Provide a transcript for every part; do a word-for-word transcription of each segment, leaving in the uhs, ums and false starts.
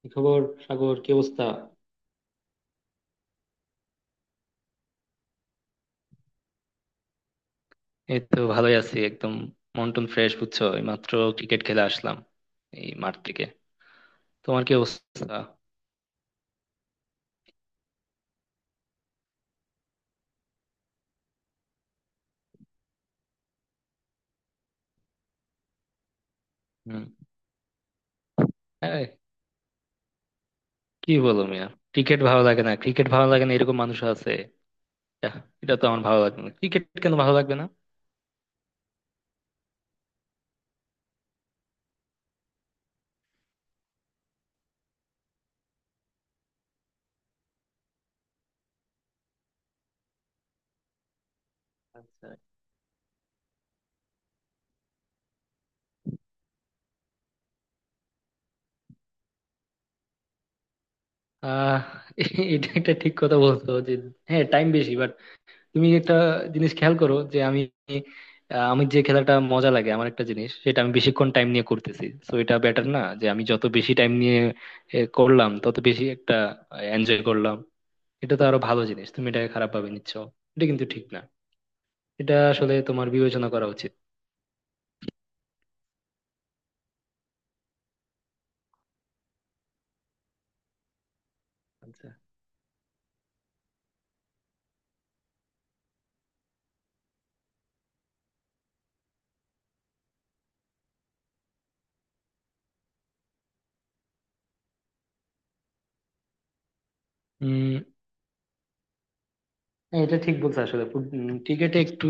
কি খবর? সাগর, কি অবস্থা? এই তো ভালোই আছি একদম। মন টন ফ্রেশ, বুঝছো? এই মাত্র ক্রিকেট খেলে আসলাম, এই মাঠ থেকে। তোমার কি অবস্থা? হম। হ্যাঁ, কি বলো মিয়া, ক্রিকেট ভালো লাগে না, ক্রিকেট ভালো লাগে না এরকম মানুষ আছে? আহ, এটা তো, আমার ভালো লাগে না ক্রিকেট কেন ভালো লাগবে না? আচ্ছা। আহ এটা একটা ঠিক কথা বলছো যে হ্যাঁ, টাইম বেশি। তুমি একটা জিনিস খেয়াল করো যে আমি, আহ, আমি যে খেলাটা মজা লাগে আমার, একটা জিনিস সেটা আমি বেশিক্ষণ টাইম নিয়ে করতেছি তো এটা বেটার না? যে আমি যত বেশি টাইম নিয়ে এ, করলাম তত বেশি একটা এনজয় করলাম। এটা তো আরো ভালো জিনিস, তুমি এটাকে খারাপ ভাবে নিচ্ছ। এটা কিন্তু ঠিক না। এটা আসলে তোমার বিবেচনা করা উচিত। আচ্ছা। উম হ্যাঁ, এটা ঠিক বলছো আসলে। ক্রিকেটে একটু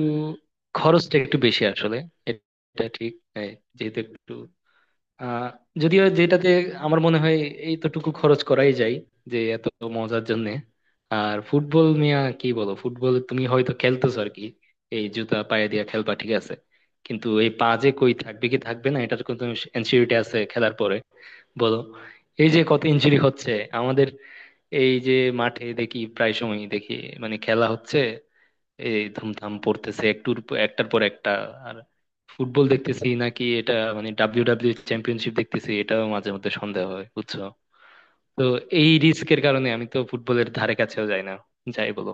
খরচটা একটু বেশি আসলে, এটা ঠিক। এই, যেহেতু একটু আহ যদিও যেটাতে আমার মনে হয় এইতটুকু খরচ করাই যায় যে, এত মজার জন্য। আর ফুটবল নিয়ে কি বলো, ফুটবল তুমি হয়তো খেলতেছো আর কি, এই জুতা পায়ে দিয়ে খেলবা, ঠিক আছে। কিন্তু এই পা যে কই থাকবে, কি থাকবে না, এটার কোনো এনসিউরিটি আছে খেলার পরে? বলো। এই যে কত ইনজুরি হচ্ছে আমাদের, এই যে মাঠে দেখি, প্রায় সময় দেখি, মানে খেলা হচ্ছে, এই ধুমধাম পড়তেছে একটুর প- একটার পর একটা। আর ফুটবল দেখতেছি নাকি এটা, মানে ডাব্লিউ ডাব্লিউ চ্যাম্পিয়নশিপ দেখতেছি এটাও মাঝে মধ্যে সন্দেহ হয়, বুঝছো? তো এই রিস্কের কারণে আমি তো ফুটবলের ধারে কাছেও যাই না, যাই বলো।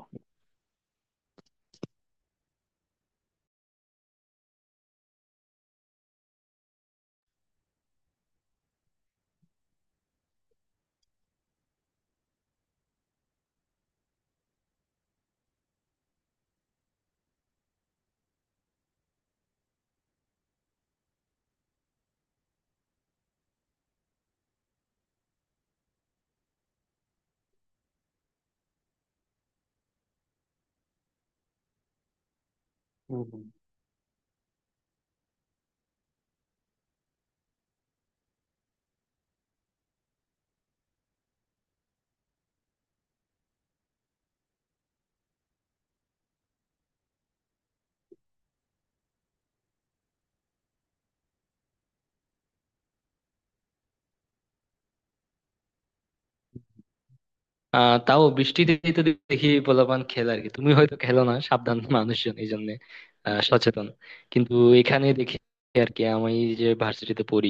হুম, হুম। আহ তাও বৃষ্টিতে তো দেখি পোলাপান খেলে আর কি, তুমি হয়তো খেলো না, সাবধান মানুষজন এই জন্য, সচেতন। কিন্তু এখানে দেখি আর কি, আমি যে ভার্সিটিতে পড়ি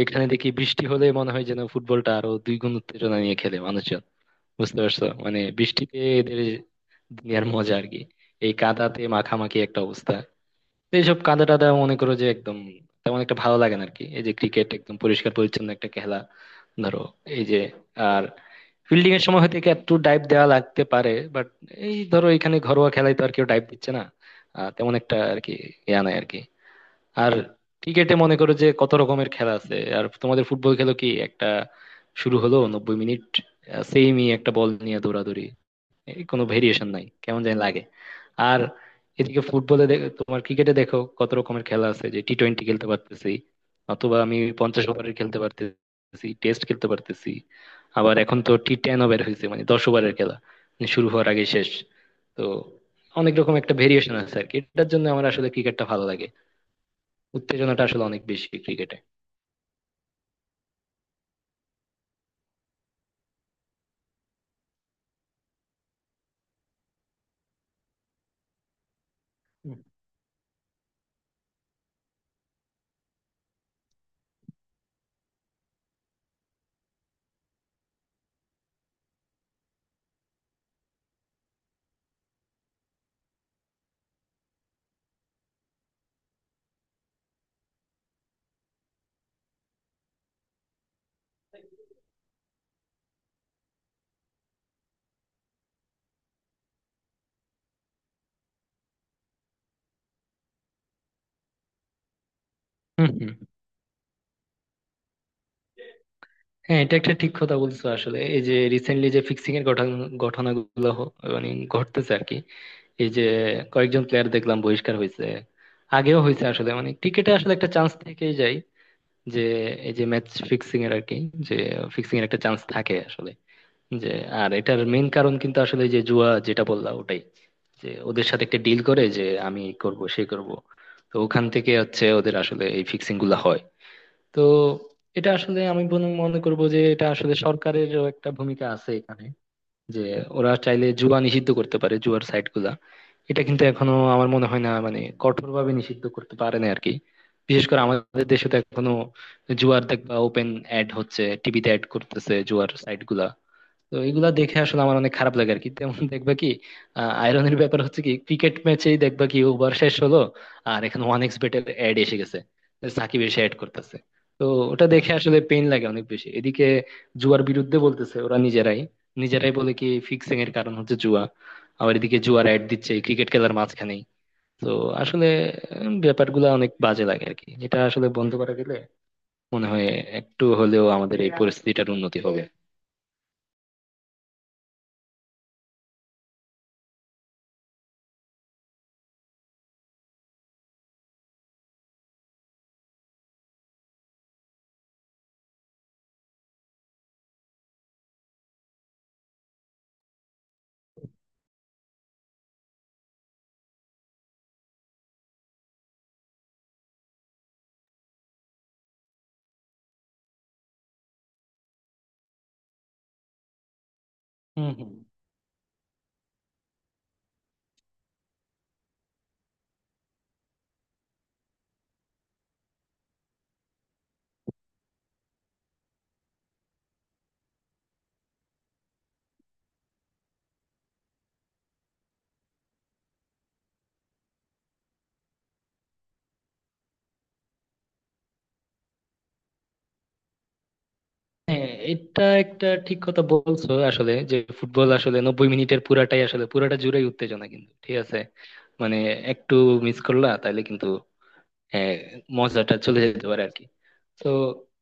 এখানে, দেখি বৃষ্টি হলে মনে হয় যেন ফুটবলটা আরো দুই গুণ উত্তেজনা নিয়ে খেলে মানুষজন। বুঝতে পারছো, মানে বৃষ্টিতে এদের দুনিয়ার মজা আর কি, এই কাদাতে মাখামাখি একটা অবস্থা। তো এইসব কাদা টাদা, মনে করো যে একদম তেমন একটা ভালো লাগে না আর কি। এই যে ক্রিকেট একদম পরিষ্কার পরিচ্ছন্ন একটা খেলা, ধরো, এই যে, আর ফিল্ডিং এর সময় হয়তো একে একটু ডাইভ দেওয়া লাগতে পারে, বাট এই ধরো এখানে ঘরোয়া খেলায় তো আর কেউ ডাইভ দিচ্ছে না। আহ, তেমন একটা আর কি ইয়া নাই আর কি। আর ক্রিকেটে মনে করো যে কত রকমের খেলা আছে, আর তোমাদের ফুটবল খেলো কি, একটা শুরু হলো, নব্বই মিনিট সেমই একটা বল নিয়ে দৌড়াদৌড়ি। এই কোনো ভেরিয়েশন নাই, কেমন জানি লাগে। আর এদিকে ফুটবলে, তোমার ক্রিকেটে দেখো কত রকমের খেলা আছে, যে টি টোয়েন্টি খেলতে পারতেছি অথবা আমি পঞ্চাশ ওভারের খেলতে পারতেছি, টেস্ট খেলতে পারতেছি। আবার এখন তো টি টেন ওভার হয়েছে, মানে দশ ওভারের খেলা, মানে শুরু হওয়ার আগে শেষ। তো অনেক রকম একটা ভেরিয়েশন আছে আর কি, এটার জন্য আমার আসলে ক্রিকেটটা ভালো লাগে। উত্তেজনাটা আসলে অনেক বেশি ক্রিকেটে। হুম হুম। হ্যাঁ, এটা একটা ঠিক কথা বলছো আসলে। এই যে রিসেন্টলি যে ফিক্সিং এর ঘটনা, ঘটনাগুলো হ- মানে ঘটতেছে আর কি। এই যে কয়েকজন প্লেয়ার দেখলাম বহিষ্কার হয়েছে, আগেও হয়েছে আসলে। মানে ক্রিকেটে আসলে একটা চান্স থেকেই যায় যে, এই যে ম্যাচ ফিক্সিং এর আর কি, যে ফিক্সিং এর একটা চান্স থাকে আসলে, যে। আর এটার মেইন কারণ কিন্তু আসলে এই যে জুয়া, যেটা বললাম ওটাই, যে ওদের সাথে একটা ডিল করে যে আমি এই করব, সে করব। তো ওখান থেকে হচ্ছে ওদের আসলে এই ফিক্সিং গুলা হয়। তো এটা আসলে আমি বন- মনে করব যে এটা আসলে সরকারেরও একটা ভূমিকা আছে এখানে, যে ওরা চাইলে জুয়া নিষিদ্ধ করতে পারে, জুয়ার সাইট গুলা। এটা কিন্তু এখনো আমার মনে হয় না মানে কঠোর ভাবে নিষিদ্ধ করতে পারে না আরকি, বিশেষ করে আমাদের দেশে তো এখনো। জুয়ার দেখবা ওপেন অ্যাড হচ্ছে, টিভিতে অ্যাড করতেছে জুয়ার সাইট গুলা। তো এগুলা দেখে আসলে আমার অনেক খারাপ লাগে আর কি। তেমন দেখবা কি, আয়রনের ব্যাপার হচ্ছে কি ক্রিকেট ম্যাচেই দেখবা কি ওভার শেষ হলো, আর এখানে ওয়ান এক্স বেটের অ্যাড এসে গেছে, সাকিব এসে অ্যাড করতেছে। তো ওটা দেখে আসলে পেইন লাগে অনেক বেশি। এদিকে জুয়ার বিরুদ্ধে বলতেছে ওরা নিজেরাই, নিজেরাই বলে কি ফিক্সিং এর কারণ হচ্ছে জুয়া, আবার এদিকে জুয়ার অ্যাড দিচ্ছে ক্রিকেট খেলার মাঝখানেই। তো আসলে উম, ব্যাপারগুলো অনেক বাজে লাগে আর কি। এটা আসলে বন্ধ করা গেলে মনে হয় একটু হলেও আমাদের এই পরিস্থিতিটার উন্নতি হবে। হম হম। হ্যাঁ, এটা একটা ঠিক কথা বলছো আসলে, যে ফুটবল আসলে নব্বই মিনিটের পুরাটাই আসলে, পুরাটা জুড়েই উত্তেজনা, কিন্তু ঠিক আছে, মানে একটু মিস করলা তাহলে কিন্তু, হ্যাঁ, মজাটা চলে যেতে পারে আর কি। তো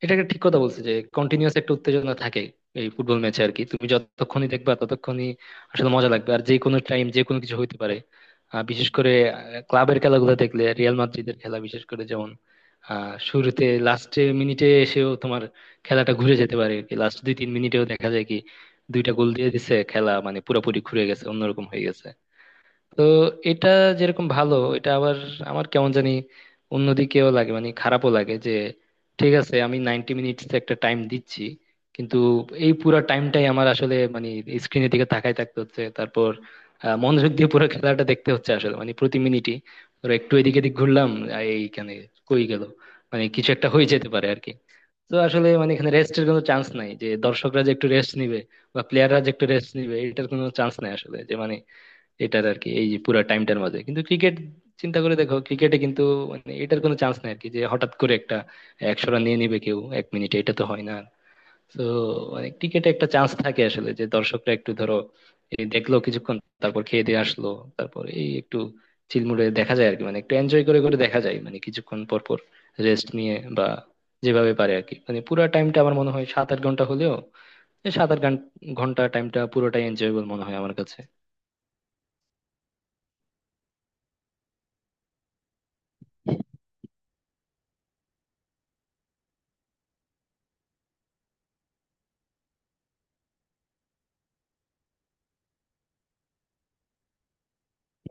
এটা একটা ঠিক কথা বলছো যে কন্টিনিউয়াস একটা উত্তেজনা থাকে এই ফুটবল ম্যাচে আর কি। তুমি যতক্ষণই দেখবা ততক্ষণই আসলে মজা লাগবে, আর যে কোনো টাইম যে কোনো কিছু হইতে পারে। আহ, বিশেষ করে ক্লাবের খেলাগুলো দেখলে, রিয়াল মাদ্রিদের খেলা বিশেষ করে যেমন, আহ শুরুতে লাস্টের মিনিটে এসেও তোমার খেলাটা ঘুরে যেতে পারে আর কি, লাস্ট দুই তিন মিনিটেও দেখা যায় কি দুইটা গোল দিয়ে দিছে, খেলা মানে পুরোপুরি ঘুরে গেছে, অন্যরকম হয়ে গেছে। তো এটা যেরকম ভালো, এটা আবার আমার কেমন জানি অন্যদিকেও লাগে, মানে খারাপও লাগে যে ঠিক আছে আমি নাইনটি মিনিটস একটা টাইম দিচ্ছি, কিন্তু এই পুরো টাইমটাই আমার আসলে মানে স্ক্রিনের দিকে তাকাই থাকতে হচ্ছে। তারপর আহ, মনোযোগ দিয়ে পুরো খেলাটা দেখতে হচ্ছে আসলে, মানে প্রতি মিনিটই, ধরো একটু এদিক এদিক ঘুরলাম, আহ, এইখানে কই গেল, মানে কিছু একটা হয়ে যেতে পারে আর কি। তো আসলে মানে এখানে রেস্টের কোনো চান্স নাই, যে দর্শকরা যে একটু রেস্ট নিবে বা প্লেয়াররা যে একটু রেস্ট নিবে, এটার কোনো চান্স নাই আসলে, যে মানে এটার আর কি এই যে পুরো টাইমটার মাঝে। কিন্তু ক্রিকেট চিন্তা করে দেখো, ক্রিকেটে কিন্তু মানে এটার কোনো চান্স নাই আর কি, যে হঠাৎ করে একটা একশো রান নিয়ে নিবে কেউ এক মিনিটে, এটা তো হয় না। তো মানে ক্রিকেটে একটা চান্স থাকে আসলে, যে দর্শকরা একটু ধরো এই দেখলো কিছুক্ষণ, তারপর খেয়ে দিয়ে আসলো, তারপর এই একটু চিলমুড়ে দেখা যায় আর কি, মানে একটু এনজয় করে করে দেখা যায় মানে কিছুক্ষণ পর পর, রেস্ট নিয়ে বা যেভাবে পারে আর কি। মানে পুরো টাইমটা আমার মনে হয় সাত আট ঘন্টা হলেও, এই সাত আট ঘান- ঘন্টা টাইমটা পুরোটাই এনজয়েবল মনে হয় আমার কাছে।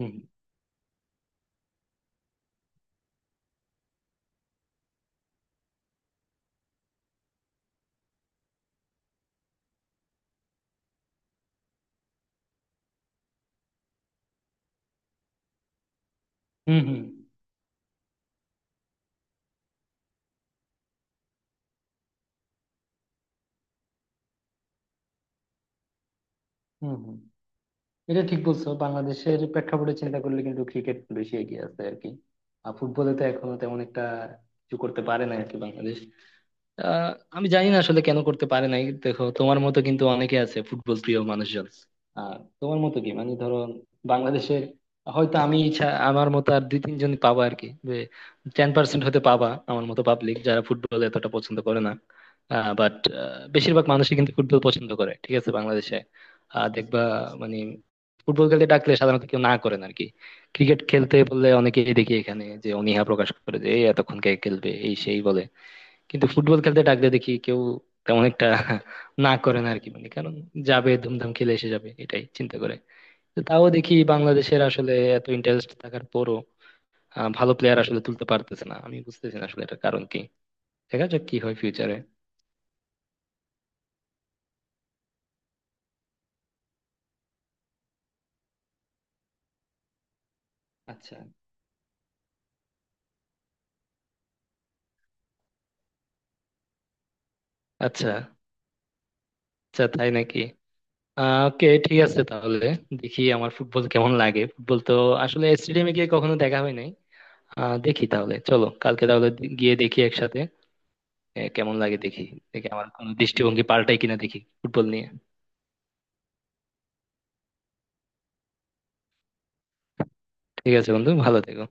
হুম হুম। হুম হুম হুম। এটা ঠিক বলছো, বাংলাদেশের প্রেক্ষাপটে চিন্তা করলে কিন্তু ক্রিকেট বেশি এগিয়ে আছে আর কি। আর ফুটবলে তো এখনো তেমন একটা কিছু করতে পারে না আর কি বাংলাদেশ। আহ আমি জানি না আসলে কেন করতে পারে নাই, দেখো তোমার মতো কিন্তু অনেকে আছে ফুটবল প্রিয় মানুষজন। আর তোমার মতো কি মানে, ধরো বাংলাদেশের, হয়তো আমি ছা- আমার মতো আর দুই তিনজন পাবা আর কি, যে টেন পার্সেন্ট হতে পাবা আমার মতো পাবলিক যারা ফুটবল এতটা পছন্দ করে না। বাট বেশিরভাগ মানুষই কিন্তু ফুটবল পছন্দ করে, ঠিক আছে, বাংলাদেশে। আহ, দেখবা মানে ফুটবল খেলতে ডাকলে সাধারণত কেউ না করেন আর কি। ক্রিকেট খেলতে বললে অনেকেই দেখি এখানে যে অনীহা প্রকাশ করে যে এই এতক্ষণ কে খেলবে এই সেই বলে, কিন্তু ফুটবল খেলতে ডাকলে দেখি কেউ তেমন একটা না করে না আর কি। মানে কারণ, যাবে ধুমধাম খেলে এসে যাবে, এটাই চিন্তা করে। তো তাও দেখি বাংলাদেশের আসলে এত ইন্টারেস্ট থাকার পরও আহ, ভালো প্লেয়ার আসলে তুলতে পারতেছে না, আমি বুঝতেছি না আসলে এটার কারণ কি। দেখা যাক কি হয় ফিউচারে। আচ্ছা। আচ্ছা। আচ্ছা, তাই নাকি? আহ ওকে, ঠিক আছে তাহলে। দেখি আমার ফুটবল কেমন লাগে, ফুটবল তো আসলে স্টেডিয়ামে গিয়ে কখনো দেখা হয় নাই। আহ দেখি তাহলে, চলো কালকে তাহলে গিয়ে দেখি একসাথে, এ, কেমন লাগে দেখি। দেখি আমার কোনো দৃষ্টিভঙ্গি পাল্টাই কিনা, দেখি ফুটবল নিয়ে। ঠিক আছে বন্ধু, ভালো থেকো।